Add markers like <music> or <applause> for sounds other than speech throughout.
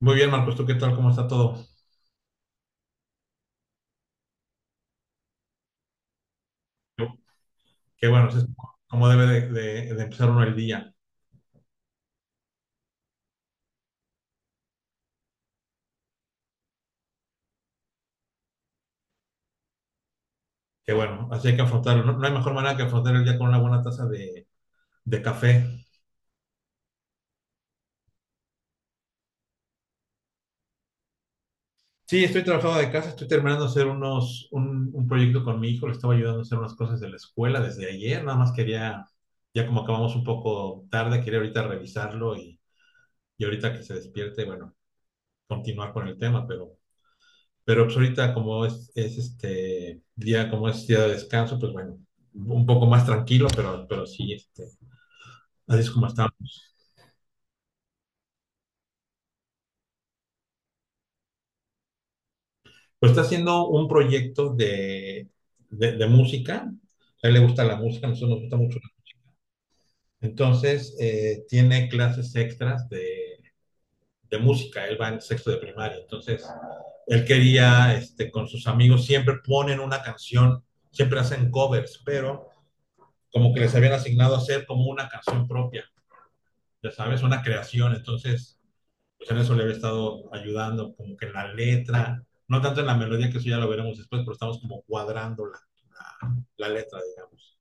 Muy bien, Marcos, ¿tú qué tal? ¿Cómo está todo? Yo- Qué bueno, eso es como debe de empezar uno el día. Qué bueno, así hay que afrontarlo. No hay mejor manera que afrontar el día con una buena taza de café. Sí, estoy trabajando de casa, estoy terminando de hacer un proyecto con mi hijo, le estaba ayudando a hacer unas cosas de la escuela desde ayer, nada más quería, ya como acabamos un poco tarde, quería ahorita revisarlo y ahorita que se despierte, bueno, continuar con el tema, pero... Pero pues ahorita como es este día, como es día de descanso, pues bueno, un poco más tranquilo, pero sí, este, así es como estamos. Pues está haciendo un proyecto de música, a él le gusta la música, a nosotros nos gusta mucho. Entonces, tiene clases extras de música, él va en sexto de primaria, entonces él quería, este, con sus amigos, siempre ponen una canción, siempre hacen covers, pero como que les habían asignado hacer como una canción propia. Ya sabes, una creación, entonces, pues en eso le había estado ayudando, como que en la letra, no tanto en la melodía, que eso ya lo veremos después, pero estamos como cuadrando la letra, digamos.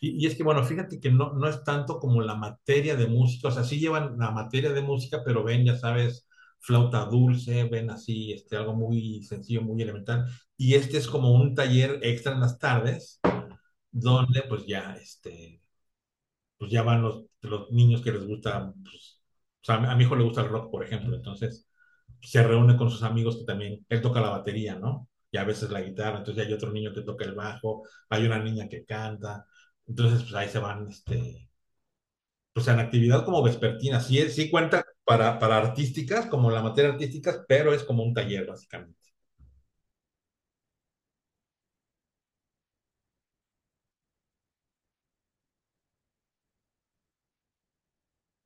Y, es que, bueno, fíjate que no es tanto como la materia de música, o sea, sí llevan la materia de música, pero ven, ya sabes, flauta dulce, ven así, este, algo muy sencillo, muy elemental. Y este es como un taller extra en las tardes, donde pues ya van los niños que les gusta, pues, o sea, a mi hijo le gusta el rock, por ejemplo, entonces se reúne con sus amigos que también, él toca la batería, ¿no? Y a veces la guitarra, entonces hay otro niño que toca el bajo, hay una niña que canta, entonces pues ahí se van, este, pues en actividad como vespertina, sí, sí cuenta para artísticas, como la materia artísticas, pero es como un taller básicamente.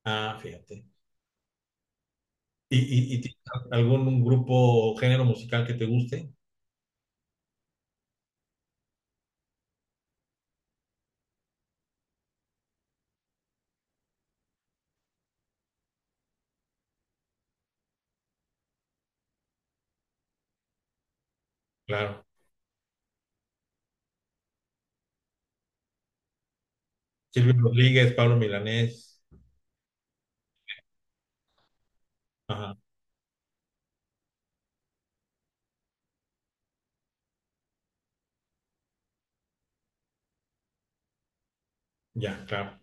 Ah, fíjate. ¿Y tienes algún un grupo o género musical que te guste? Claro. Silvio Rodríguez, Pablo Milanés. Ajá. Ya, claro,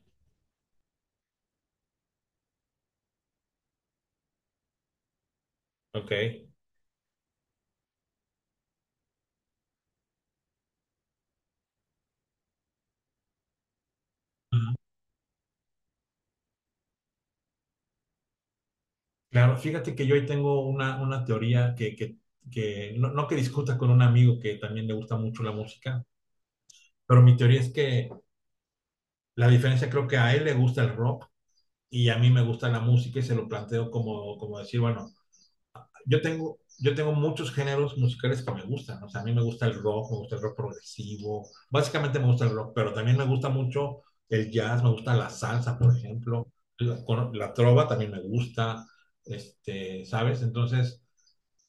ok. Ujú. Claro, fíjate que yo ahí tengo una teoría que no que discuta con un amigo que también le gusta mucho la música, pero mi teoría es que la diferencia creo que a él le gusta el rock y a mí me gusta la música y se lo planteo como, como decir, bueno, yo tengo muchos géneros musicales que me gustan. O sea, a mí me gusta el rock, me gusta el rock progresivo. Básicamente me gusta el rock, pero también me gusta mucho el jazz, me gusta la salsa, por ejemplo. La trova también me gusta, este, ¿sabes? Entonces,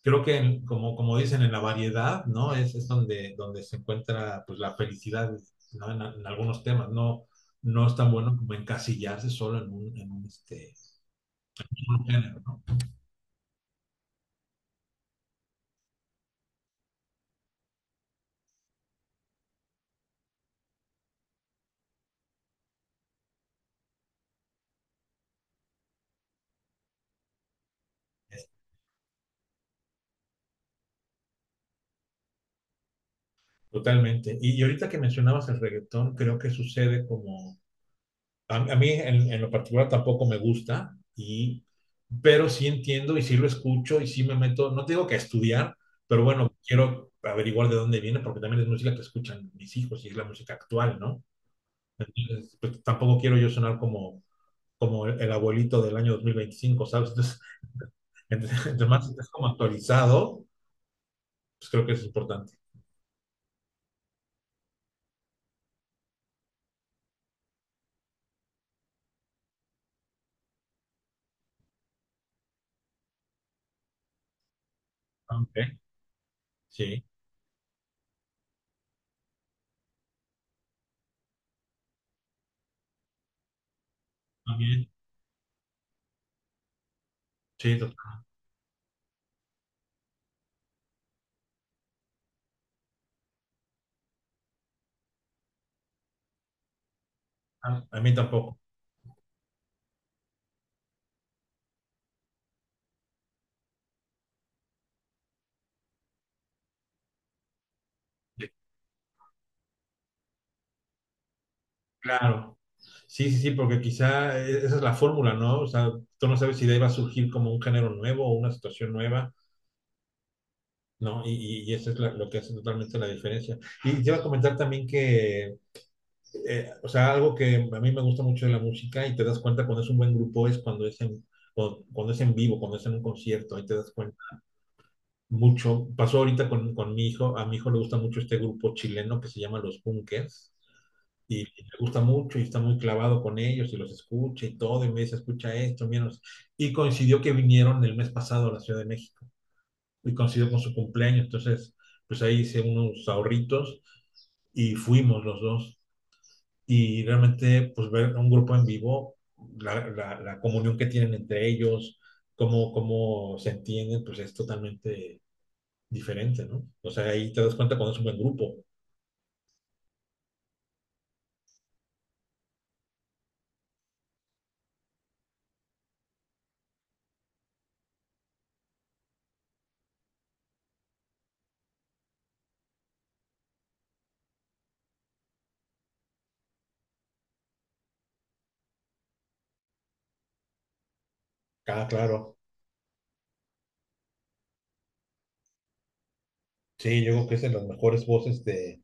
creo que como dicen, en la variedad, ¿no? Es donde se encuentra pues, la felicidad, ¿no? En algunos temas, no es tan bueno como encasillarse solo en un género. Totalmente. Y ahorita que mencionabas el reggaetón, creo que sucede como, a mí en lo particular tampoco me gusta, pero sí entiendo y sí lo escucho y sí me meto, no te digo que a estudiar, pero bueno, quiero averiguar de dónde viene porque también es música que escuchan mis hijos y es la música actual, ¿no? Entonces, pues, tampoco quiero yo sonar como, el abuelito del año 2025, ¿sabes? Entonces, <laughs> entonces, entre más estés como actualizado, pues creo que es importante. Ok, sí, también, sí, total. A mí tampoco. Claro, sí, sí, sí, porque quizá esa es la fórmula, ¿no? O sea, tú no sabes si de ahí va a surgir como un género nuevo o una situación nueva, ¿no? Y eso es lo que hace totalmente la diferencia. Y te iba a comentar también que, o sea, algo que a mí me gusta mucho de la música y te das cuenta cuando es un buen grupo es cuando cuando es en vivo, cuando es en un concierto, ahí te das cuenta mucho. Pasó ahorita con mi hijo, a mi hijo le gusta mucho este grupo chileno que se llama Los Bunkers y le gusta mucho y está muy clavado con ellos y los escucha y todo, y me dice, escucha esto, menos. Y coincidió que vinieron el mes pasado a la Ciudad de México y coincidió con su cumpleaños, entonces pues ahí hice unos ahorritos y fuimos los dos. Y realmente pues ver a un grupo en vivo, la comunión que tienen entre ellos, cómo se entienden, pues es totalmente diferente, ¿no? O sea, ahí te das cuenta cuando es un buen grupo. Ah, claro. Sí, yo creo que es de las mejores voces de,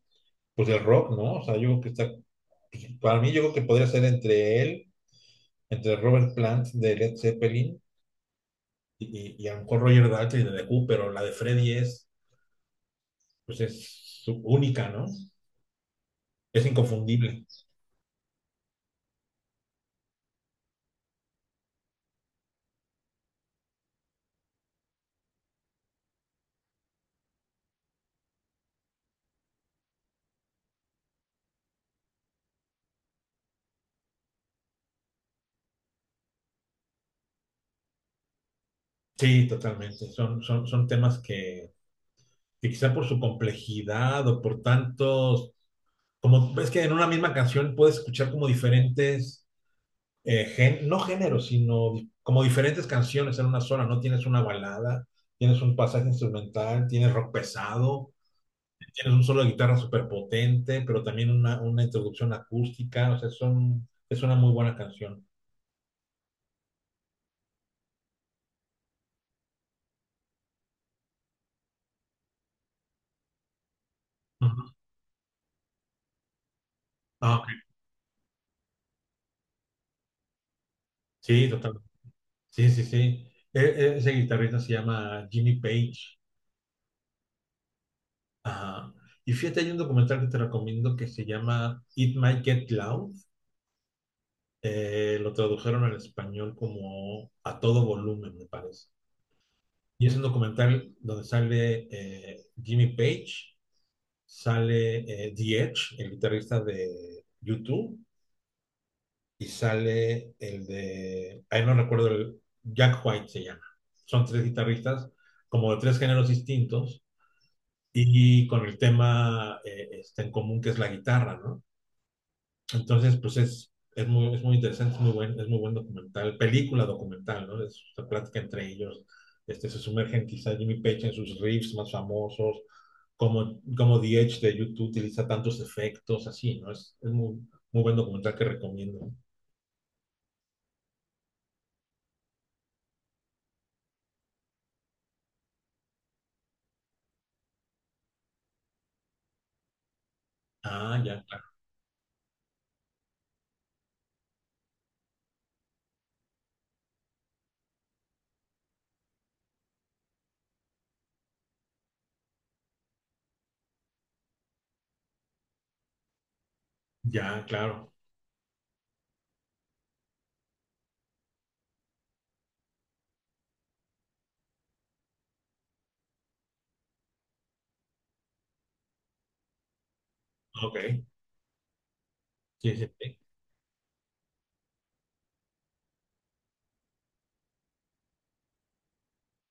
pues el rock, ¿no? O sea, yo creo que está, pues, para mí yo creo que podría ser entre él, entre Robert Plant de Led Zeppelin y, y a lo mejor Roger Daltrey de The Who, pero la de Freddy es, pues es única, ¿no? Es inconfundible. Sí, totalmente. Son temas que quizá por su complejidad o por tantos, como ves que en una misma canción puedes escuchar como diferentes no género, sino como diferentes canciones en una sola, ¿no? Tienes una balada, tienes un pasaje instrumental, tienes rock pesado, tienes un solo de guitarra súper potente, pero también una introducción acústica, o sea, son, es una muy buena canción. Ujú. Ah, ok. Sí, totalmente. Sí, sí, sí. Ese guitarrista se llama Jimmy Page. Ajá. Y fíjate, hay un documental que te recomiendo que se llama It Might Get Loud. Lo tradujeron al español como a todo volumen, me parece. Y es un documental donde sale Jimmy Page, sale The Edge, el guitarrista de YouTube, y sale el de, ahí no recuerdo, el Jack White se llama. Son tres guitarristas como de tres géneros distintos y con el tema este, en común que es la guitarra, ¿no? Entonces, pues es muy interesante, es muy buen documental, película documental, ¿no? Es una plática entre ellos. Este, se sumergen quizá Jimmy Page en sus riffs más famosos, como The Edge de YouTube utiliza tantos efectos, así, ¿no? Es muy, muy buen documental que recomiendo. Ah, ya, claro. Ya, claro. Ok. Sí, sí, sí.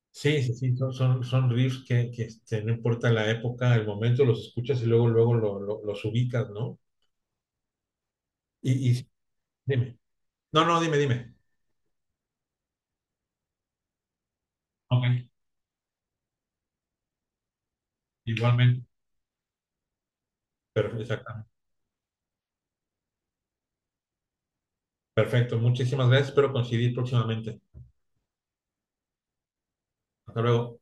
Sí, sí, sí, Son riffs que este, no importa la época, el momento, los escuchas y luego, luego los ubicas, ¿no? Y, y, dime. No, no, dime, dime. Ok. Igualmente, perfecto exactamente. Perfecto, muchísimas gracias. Espero coincidir próximamente. Hasta luego.